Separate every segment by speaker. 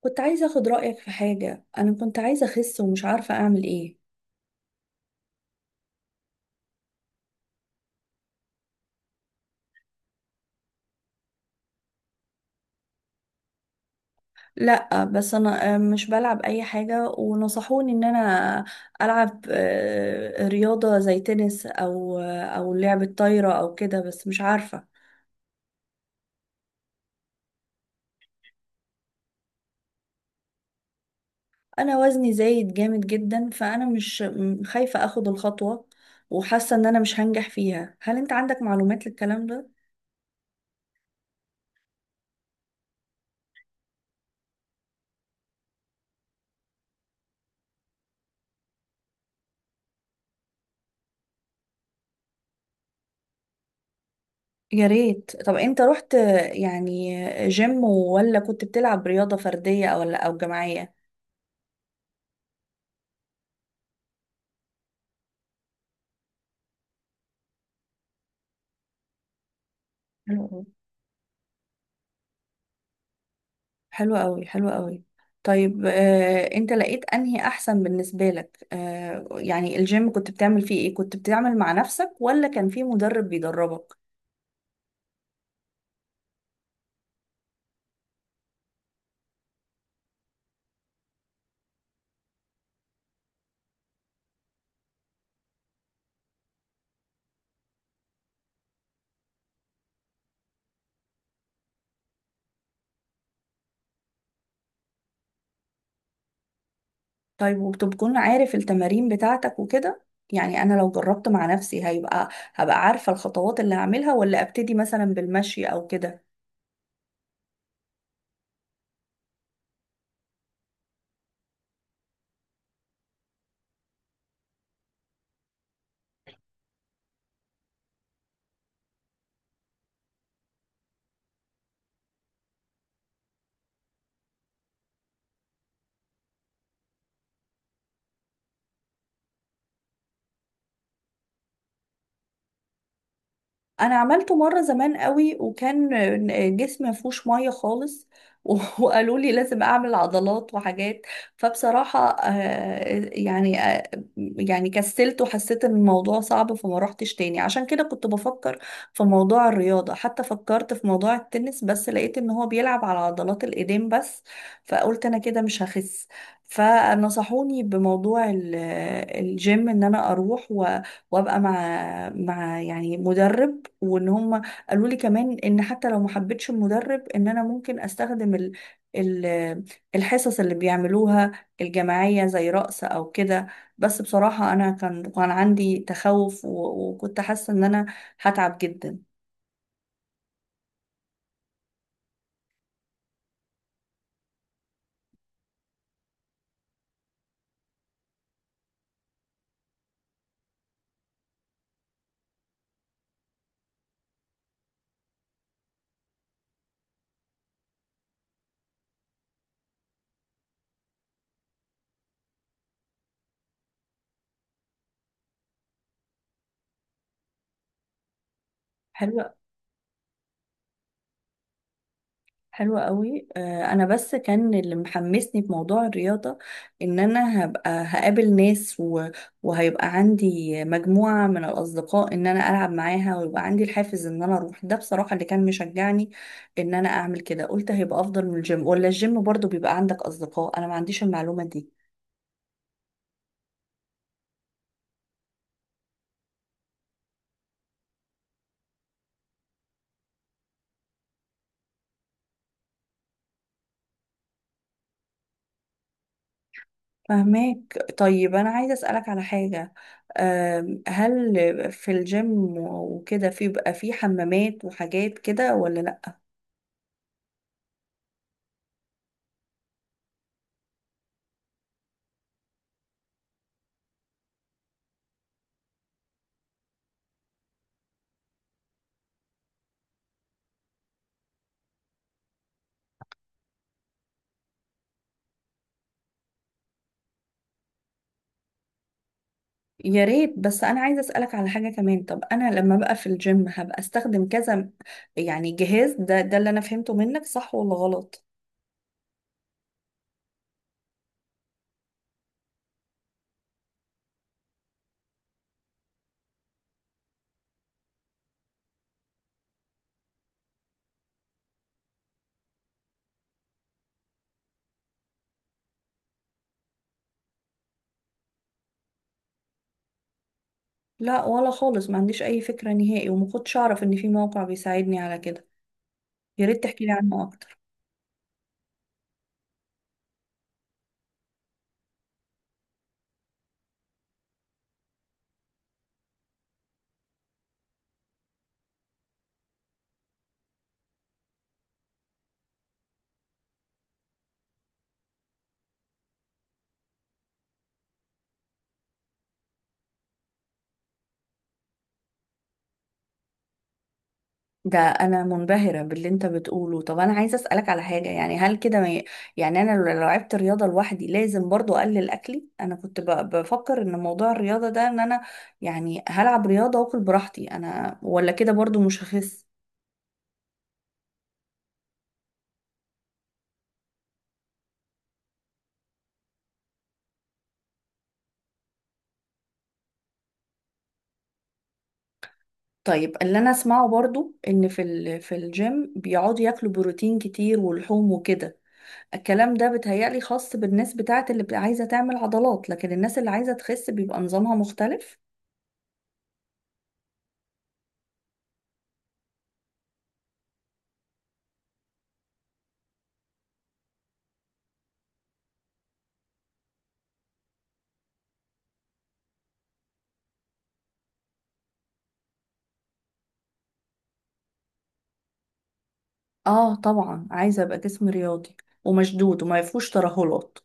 Speaker 1: كنت عايزة أخد رأيك في حاجة. أنا كنت عايزة أخس ومش عارفة أعمل إيه. لأ، بس أنا مش بلعب أي حاجة، ونصحوني إن أنا ألعب رياضة زي تنس، أو لعبة طايرة أو كده، بس مش عارفة. أنا وزني زايد جامد جدا، فأنا مش م- خايفة أخد الخطوة، وحاسة إن أنا مش هنجح فيها. هل أنت عندك معلومات للكلام ده؟ يا ريت. طب أنت رحت يعني جيم، ولا كنت بتلعب رياضة فردية ولا جماعية؟ حلو أوي، حلو أوي، حلو أوي. طيب، أنت لقيت أنهي أحسن بالنسبة لك؟ يعني الجيم كنت بتعمل فيه إيه؟ كنت بتعمل مع نفسك ولا كان في مدرب بيدربك؟ طيب، وبتكون عارف التمارين بتاعتك وكده؟ يعني أنا لو جربت مع نفسي، هبقى عارفة الخطوات اللي هعملها، ولا أبتدي مثلا بالمشي أو كده؟ انا عملته مره زمان قوي، وكان جسمي ما فيهوش ميه خالص، وقالوا لي لازم اعمل عضلات وحاجات. فبصراحه، يعني كسلت وحسيت ان الموضوع صعب، فما روحتش تاني. عشان كده كنت بفكر في موضوع الرياضه، حتى فكرت في موضوع التنس، بس لقيت ان هو بيلعب على عضلات الايدين بس، فقلت انا كده مش هخس. فنصحوني بموضوع الجيم، ان انا اروح و... وابقى مع يعني مدرب. وان هم قالوا لي كمان ان حتى لو ما حبيتش المدرب، ان انا ممكن استخدم ال ال الحصص اللي بيعملوها الجماعية، زي رقص او كده. بس بصراحة انا كان عندي تخوف، و- وكنت حاسة ان انا هتعب جدا. حلو، حلوة قوي. انا بس كان اللي محمسني بموضوع الرياضة، ان انا هبقى هقابل ناس، و... وهيبقى عندي مجموعة من الاصدقاء ان انا العب معاها، ويبقى عندي الحافز ان انا اروح. ده بصراحة اللي كان مشجعني ان انا اعمل كده. قلت هيبقى افضل من الجيم، ولا الجيم برضو بيبقى عندك اصدقاء؟ انا ما عنديش المعلومة دي. فهماك. طيب انا عايزة اسألك على حاجة. هل في الجيم وكده، في بقى في حمامات وحاجات كده ولا لا؟ يا ريت. بس انا عايزه اسالك على حاجه كمان. طب انا لما بقى في الجيم، هبقى استخدم كذا يعني جهاز؟ ده اللي انا فهمته منك، صح ولا غلط؟ لا ولا خالص، ما عنديش اي فكره نهائي، وما كنتش اعرف ان في موقع بيساعدني على كده. يا ريت تحكي لي عنه اكتر. ده انا منبهره باللي انت بتقوله. طب انا عايزه اسالك على حاجه، يعني هل كده ما ي... يعني انا لو لعبت رياضه لوحدي، لازم برضو اقلل اكلي؟ انا كنت بفكر ان موضوع الرياضه ده، ان انا يعني هلعب رياضه واكل براحتي انا، ولا كده برضو مش هخس؟ طيب، اللي انا اسمعه برضو ان في الجيم بيقعدوا ياكلوا بروتين كتير ولحوم وكده. الكلام ده بيتهيألي خاص بالناس بتاعت اللي بتبقى عايزة تعمل عضلات، لكن الناس اللي عايزة تخس بيبقى نظامها مختلف. اه طبعا، عايزة ابقى جسم رياضي ومشدود وما فيهوش ترهلات.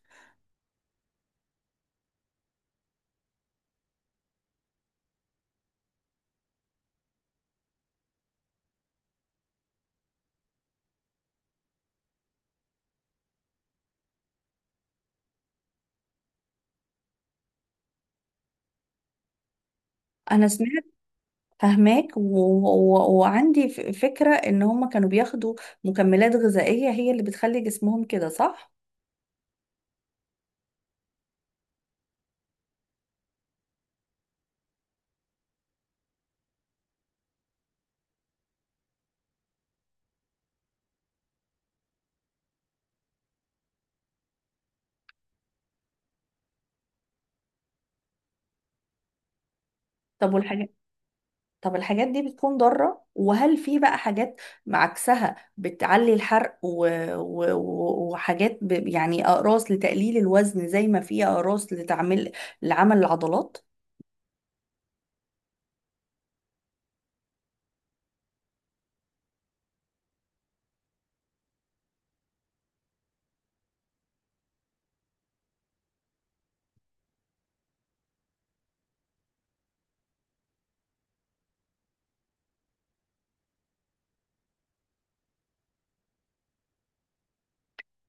Speaker 1: انا سمعت. فهماك، و... و... وعندي فكرة ان هم كانوا بياخدوا مكملات غذائية، هي اللي بتخلي جسمهم كده، صح؟ طب والحاجات طب الحاجات دي بتكون ضارة؟ وهل في بقى حاجات عكسها بتعلي الحرق و... و... و- وحاجات يعني أقراص لتقليل الوزن، زي ما في أقراص لعمل العضلات؟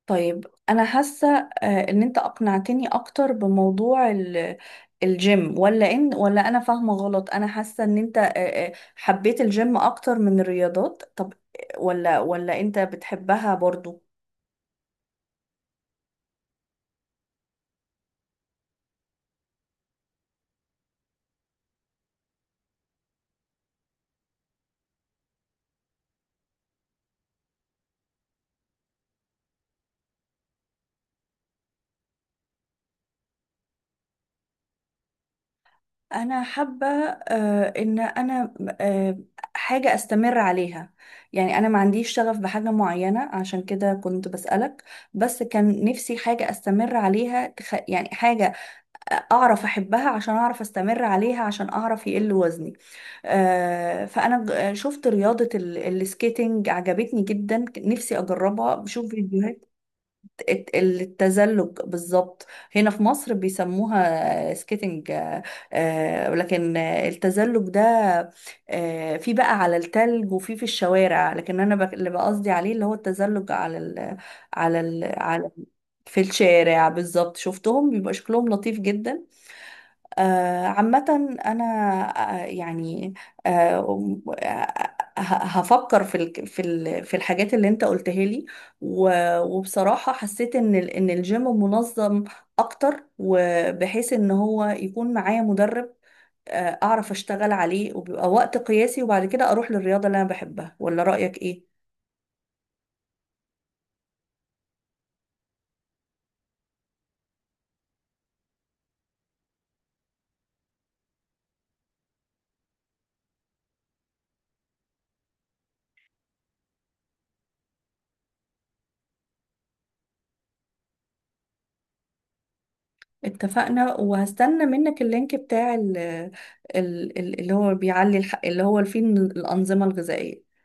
Speaker 1: طيب أنا حاسة إن أنت أقنعتني أكتر بموضوع الجيم، ولا إن ولا أنا فاهمة غلط؟ أنا حاسة إن أنت حبيت الجيم أكتر من الرياضات. طب، ولا أنت بتحبها برضو؟ انا حابه، ان انا آه، حاجه استمر عليها. يعني انا ما عنديش شغف بحاجه معينه، عشان كده كنت بسالك. بس كان نفسي حاجه استمر عليها، يعني حاجه اعرف احبها، عشان اعرف استمر عليها، عشان اعرف يقل وزني. فانا شفت رياضه السكيتنج، عجبتني جدا، نفسي اجربها، بشوف فيديوهات. التزلج بالظبط. هنا في مصر بيسموها سكيتنج. لكن التزلج ده في بقى على التلج، وفي الشوارع. لكن انا اللي بقصدي عليه، اللي هو التزلج على ال على ال على في الشارع. بالظبط، شفتهم بيبقى شكلهم لطيف جدا. عامة أنا يعني آه، هفكر في الحاجات اللي أنت قلتها لي، و- وبصراحة حسيت إن الجيم منظم أكتر، وبحيث إن هو يكون معايا مدرب أعرف أشتغل عليه، وبيبقى وقت قياسي، وبعد كده أروح للرياضة اللي أنا بحبها. ولا رأيك إيه؟ اتفقنا. وهستنى منك اللينك بتاع اللي هو اللي هو فيه الأنظمة الغذائية.